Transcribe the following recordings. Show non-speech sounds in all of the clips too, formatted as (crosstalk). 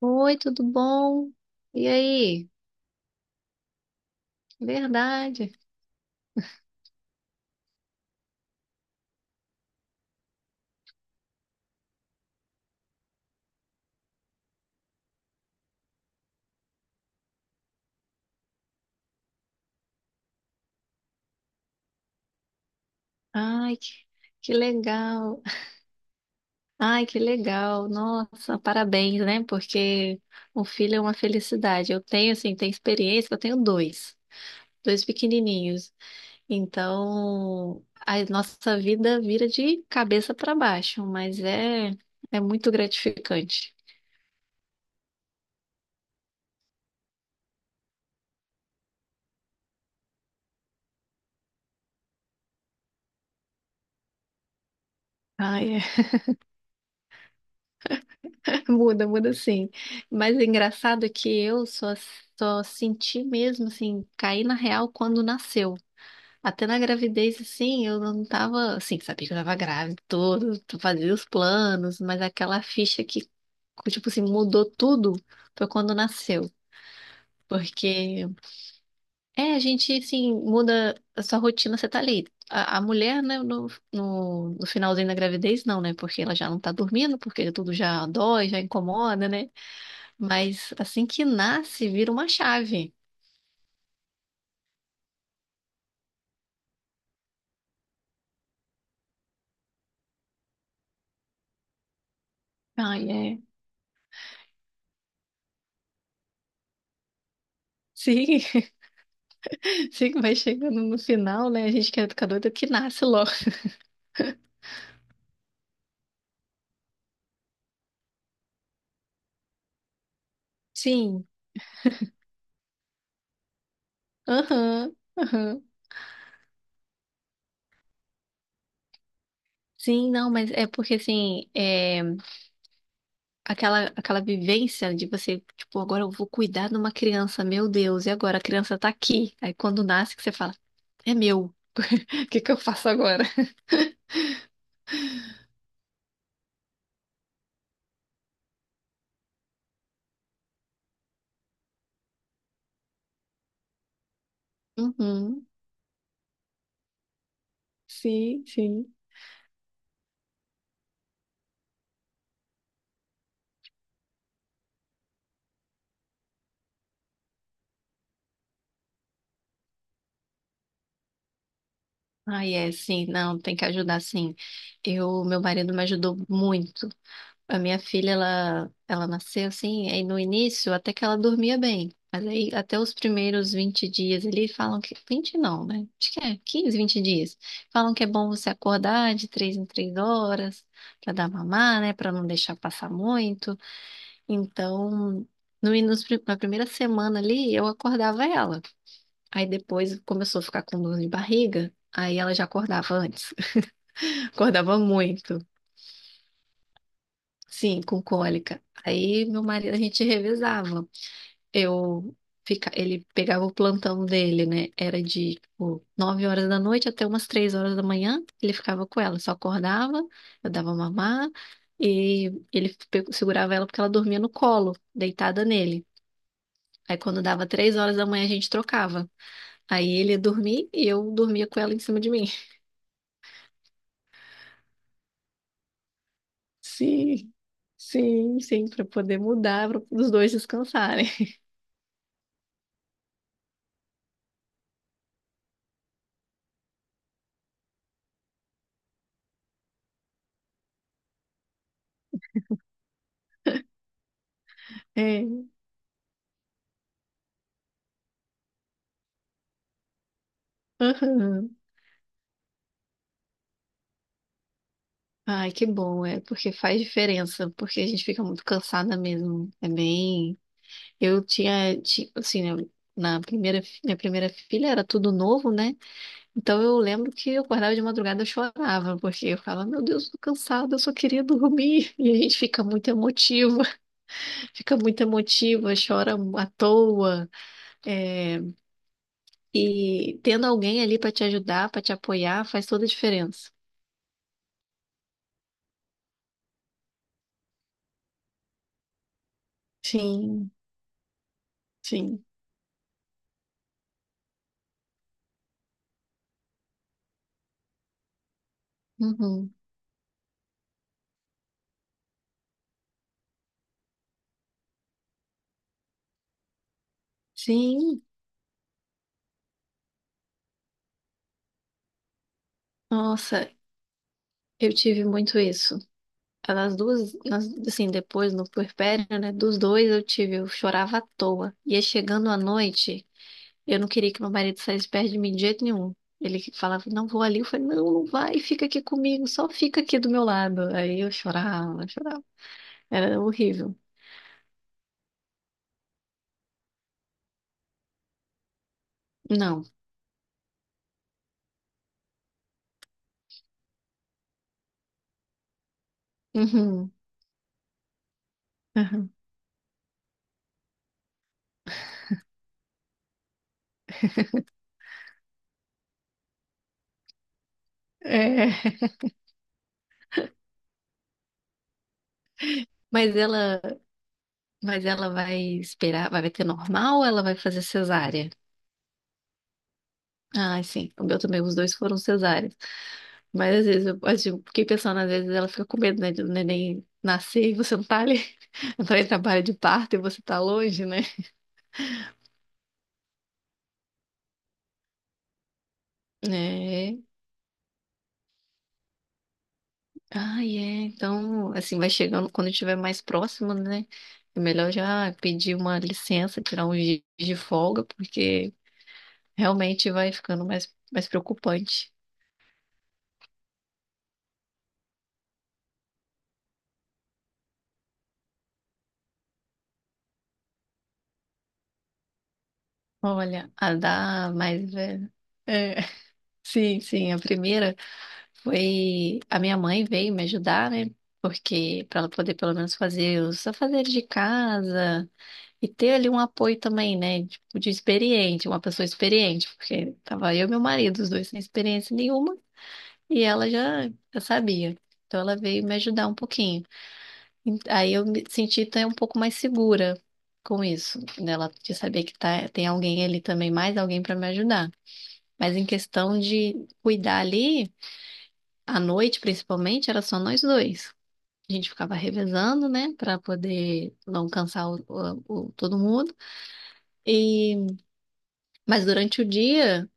Oi, tudo bom? E aí? Verdade. Ai, que legal. Ai, que legal. Nossa, parabéns, né? Porque um filho é uma felicidade. Eu tenho, assim, tenho experiência, eu tenho dois, dois pequenininhos. Então, a nossa vida vira de cabeça para baixo, mas é muito gratificante. Ai, é. Muda, muda sim. Mas é engraçado é que eu só senti mesmo, assim, cair na real quando nasceu. Até na gravidez, assim, eu não tava, assim, sabia que eu tava grávida, todo, fazia os planos, mas aquela ficha que, tipo assim, mudou tudo foi quando nasceu. Porque, é, a gente, assim, muda a sua rotina, você tá ali. A mulher, né, no finalzinho da gravidez, não, né? Porque ela já não tá dormindo, porque tudo já dói, já incomoda, né? Mas assim que nasce, vira uma chave. Ai, é. Sim, (laughs) sim, vai chegando no final, né? A gente que é educador do que nasce logo. Sim, aham, aham. Sim, não, mas é porque assim, é, aquela vivência de você, tipo, agora eu vou cuidar de uma criança, meu Deus, e agora a criança tá aqui. Aí quando nasce que você fala, é meu, (laughs) o que que eu faço agora? Uhum, sim, sim. Ai, é, sim, não, tem que ajudar, sim. Eu, meu marido me ajudou muito. A minha filha, ela nasceu assim, aí no início até que ela dormia bem. Mas aí até os primeiros 20 dias ali falam que 20 não, né? Acho que é 15 20 dias. Falam que é bom você acordar de 3 em 3 horas pra dar mamar, né? Pra não deixar passar muito. Então, no, nos pri- na primeira semana ali, eu acordava ela. Aí depois começou a ficar com dor de barriga. Aí ela já acordava antes. Acordava muito, sim, com cólica. Aí meu marido, a gente revezava. Eu ele pegava o plantão dele, né? Era de, tipo, 9 horas da noite até umas 3 horas da manhã, ele ficava com ela, só acordava, eu dava mamar e ele segurava ela porque ela dormia no colo, deitada nele. Aí quando dava 3 horas da manhã a gente trocava. Aí ele ia dormir e eu dormia com ela em cima de mim. (laughs) Sim, sim, sim, para poder mudar, para os dois descansarem. É. Aham. Ai, que bom, é porque faz diferença, porque a gente fica muito cansada mesmo. É bem. Eu tinha, assim, né, minha primeira filha era tudo novo, né? Então eu lembro que eu acordava de madrugada, eu chorava, porque eu falava, meu Deus, tô cansada, eu só queria dormir. (laughs) E a gente fica muito emotiva, (laughs) fica muito emotiva, chora à toa. É, e tendo alguém ali pra te ajudar, pra te apoiar, faz toda a diferença. Sim, sim. Uhum. Sim, nossa, eu tive muito isso. Assim, depois no puerpério, né, dos dois eu tive, eu chorava à toa. Ia chegando à noite, eu não queria que meu marido saísse perto de mim de jeito nenhum. Ele falava, não vou ali, eu falei, não, não vai, fica aqui comigo, só fica aqui do meu lado. Aí eu chorava, chorava. Era horrível. Não. Uhum, uhum. É. (laughs) Mas ela, mas ela vai esperar, vai ter normal ou ela vai fazer cesárea? Ah, sim, o meu também, os dois foram cesáreas. Mas às vezes eu assim, eu tipo, fiquei pensando, às vezes ela fica com medo, né, do neném nascer e você não tá ali, (laughs) entrar em trabalho de parto e você tá longe, né? É. Ah, é. Então, assim, vai chegando quando estiver mais próximo, né? É melhor já pedir uma licença, tirar um dias de folga, porque realmente vai ficando mais preocupante. Olha, a da mais velha. É, (laughs) sim, sim, a primeira. Foi a minha mãe veio me ajudar, né? Porque para ela poder pelo menos fazer os afazeres de casa e ter ali um apoio também, né? Tipo, de experiente, uma pessoa experiente, porque tava eu e meu marido, os dois sem experiência nenhuma, e ela já sabia. Então ela veio me ajudar um pouquinho. E aí eu me senti até um pouco mais segura com isso, né? Ela de saber que tá, tem alguém ali também, mais alguém para me ajudar. Mas em questão de cuidar ali. À noite, principalmente, era só nós dois. A gente ficava revezando, né, pra poder não cansar todo mundo. E mas durante o dia,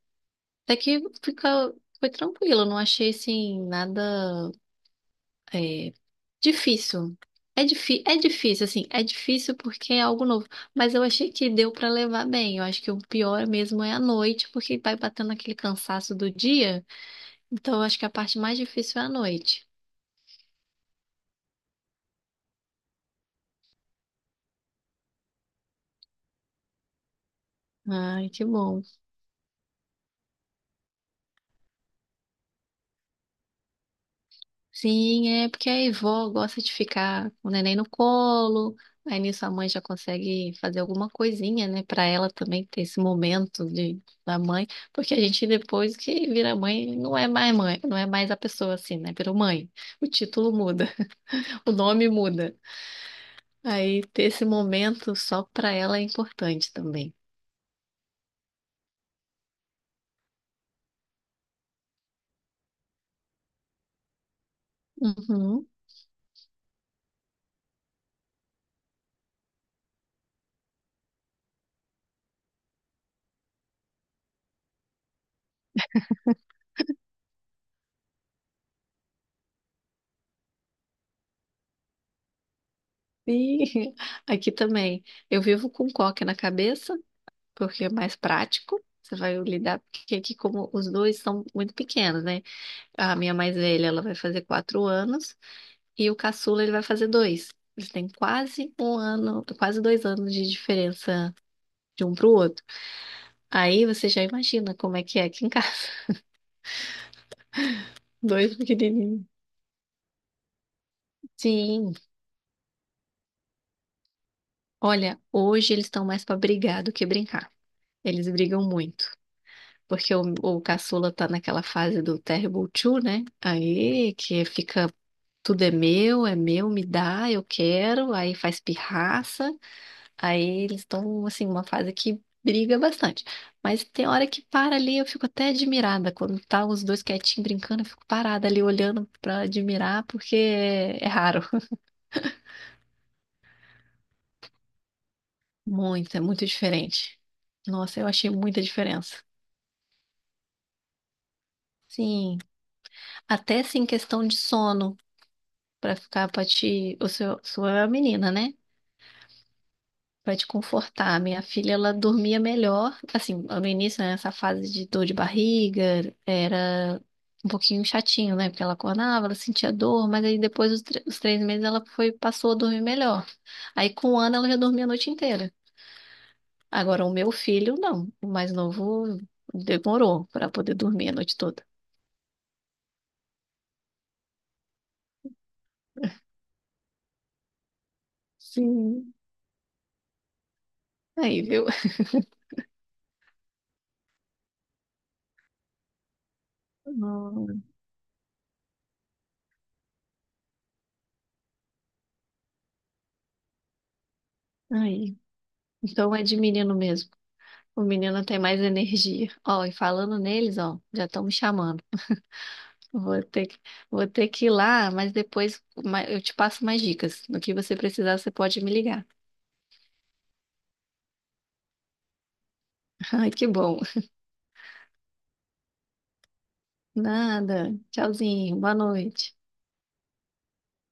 até que fica foi tranquilo. Eu não achei assim nada é, difícil. É, difí é difícil, assim, é difícil porque é algo novo. Mas eu achei que deu pra levar bem. Eu acho que o pior mesmo é a noite, porque vai batendo aquele cansaço do dia. Então, eu acho que a parte mais difícil é a noite. Ai, que bom. Sim, é porque a avó gosta de ficar com o neném no colo, aí nisso a mãe já consegue fazer alguma coisinha, né, pra ela também ter esse momento de, da mãe, porque a gente depois que vira mãe não é mais mãe, não é mais a pessoa assim, né, virou mãe. O título muda, (laughs) o nome muda. Aí ter esse momento só pra ela é importante também. Uhum. E (laughs) aqui também, eu vivo com coque na cabeça, porque é mais prático. Você vai lidar, porque aqui como os dois são muito pequenos, né? A minha mais velha, ela vai fazer 4 anos e o caçula, ele vai fazer dois. Eles têm quase um ano, quase 2 anos de diferença de um para o outro. Aí você já imagina como é que é aqui em casa. (laughs) Dois pequenininhos. Sim. Olha, hoje eles estão mais para brigar do que brincar. Eles brigam muito. Porque o caçula tá naquela fase do Terrible Two, né? Aí que fica tudo é meu, me dá, eu quero, aí faz pirraça, aí eles estão, assim, uma fase que briga bastante. Mas tem hora que para ali, eu fico até admirada. Quando tá os dois quietinhos brincando, eu fico parada ali olhando pra admirar, porque é, é raro. (laughs) Muito, é muito diferente. Nossa, eu achei muita diferença. Sim, até assim, questão de sono, pra ficar pra ti, o seu, sua menina, né? Pra te confortar. Minha filha, ela dormia melhor. Assim, no início, né, essa fase de dor de barriga era um pouquinho chatinho, né? Porque ela acordava, ela sentia dor, mas aí depois dos tre- os 3 meses ela foi, passou a dormir melhor. Aí com um ano ela já dormia a noite inteira. Agora o meu filho, não. O mais novo demorou pra poder dormir a noite toda. Sim. Aí, viu? Hum. Aí. Então é de menino mesmo. O menino tem mais energia. Ó, e falando neles, ó, já estão me chamando. Vou ter que, vou ter que ir lá, mas depois eu te passo mais dicas. No que você precisar, você pode me ligar. (laughs) Ai, que bom. Nada. Tchauzinho. Boa noite.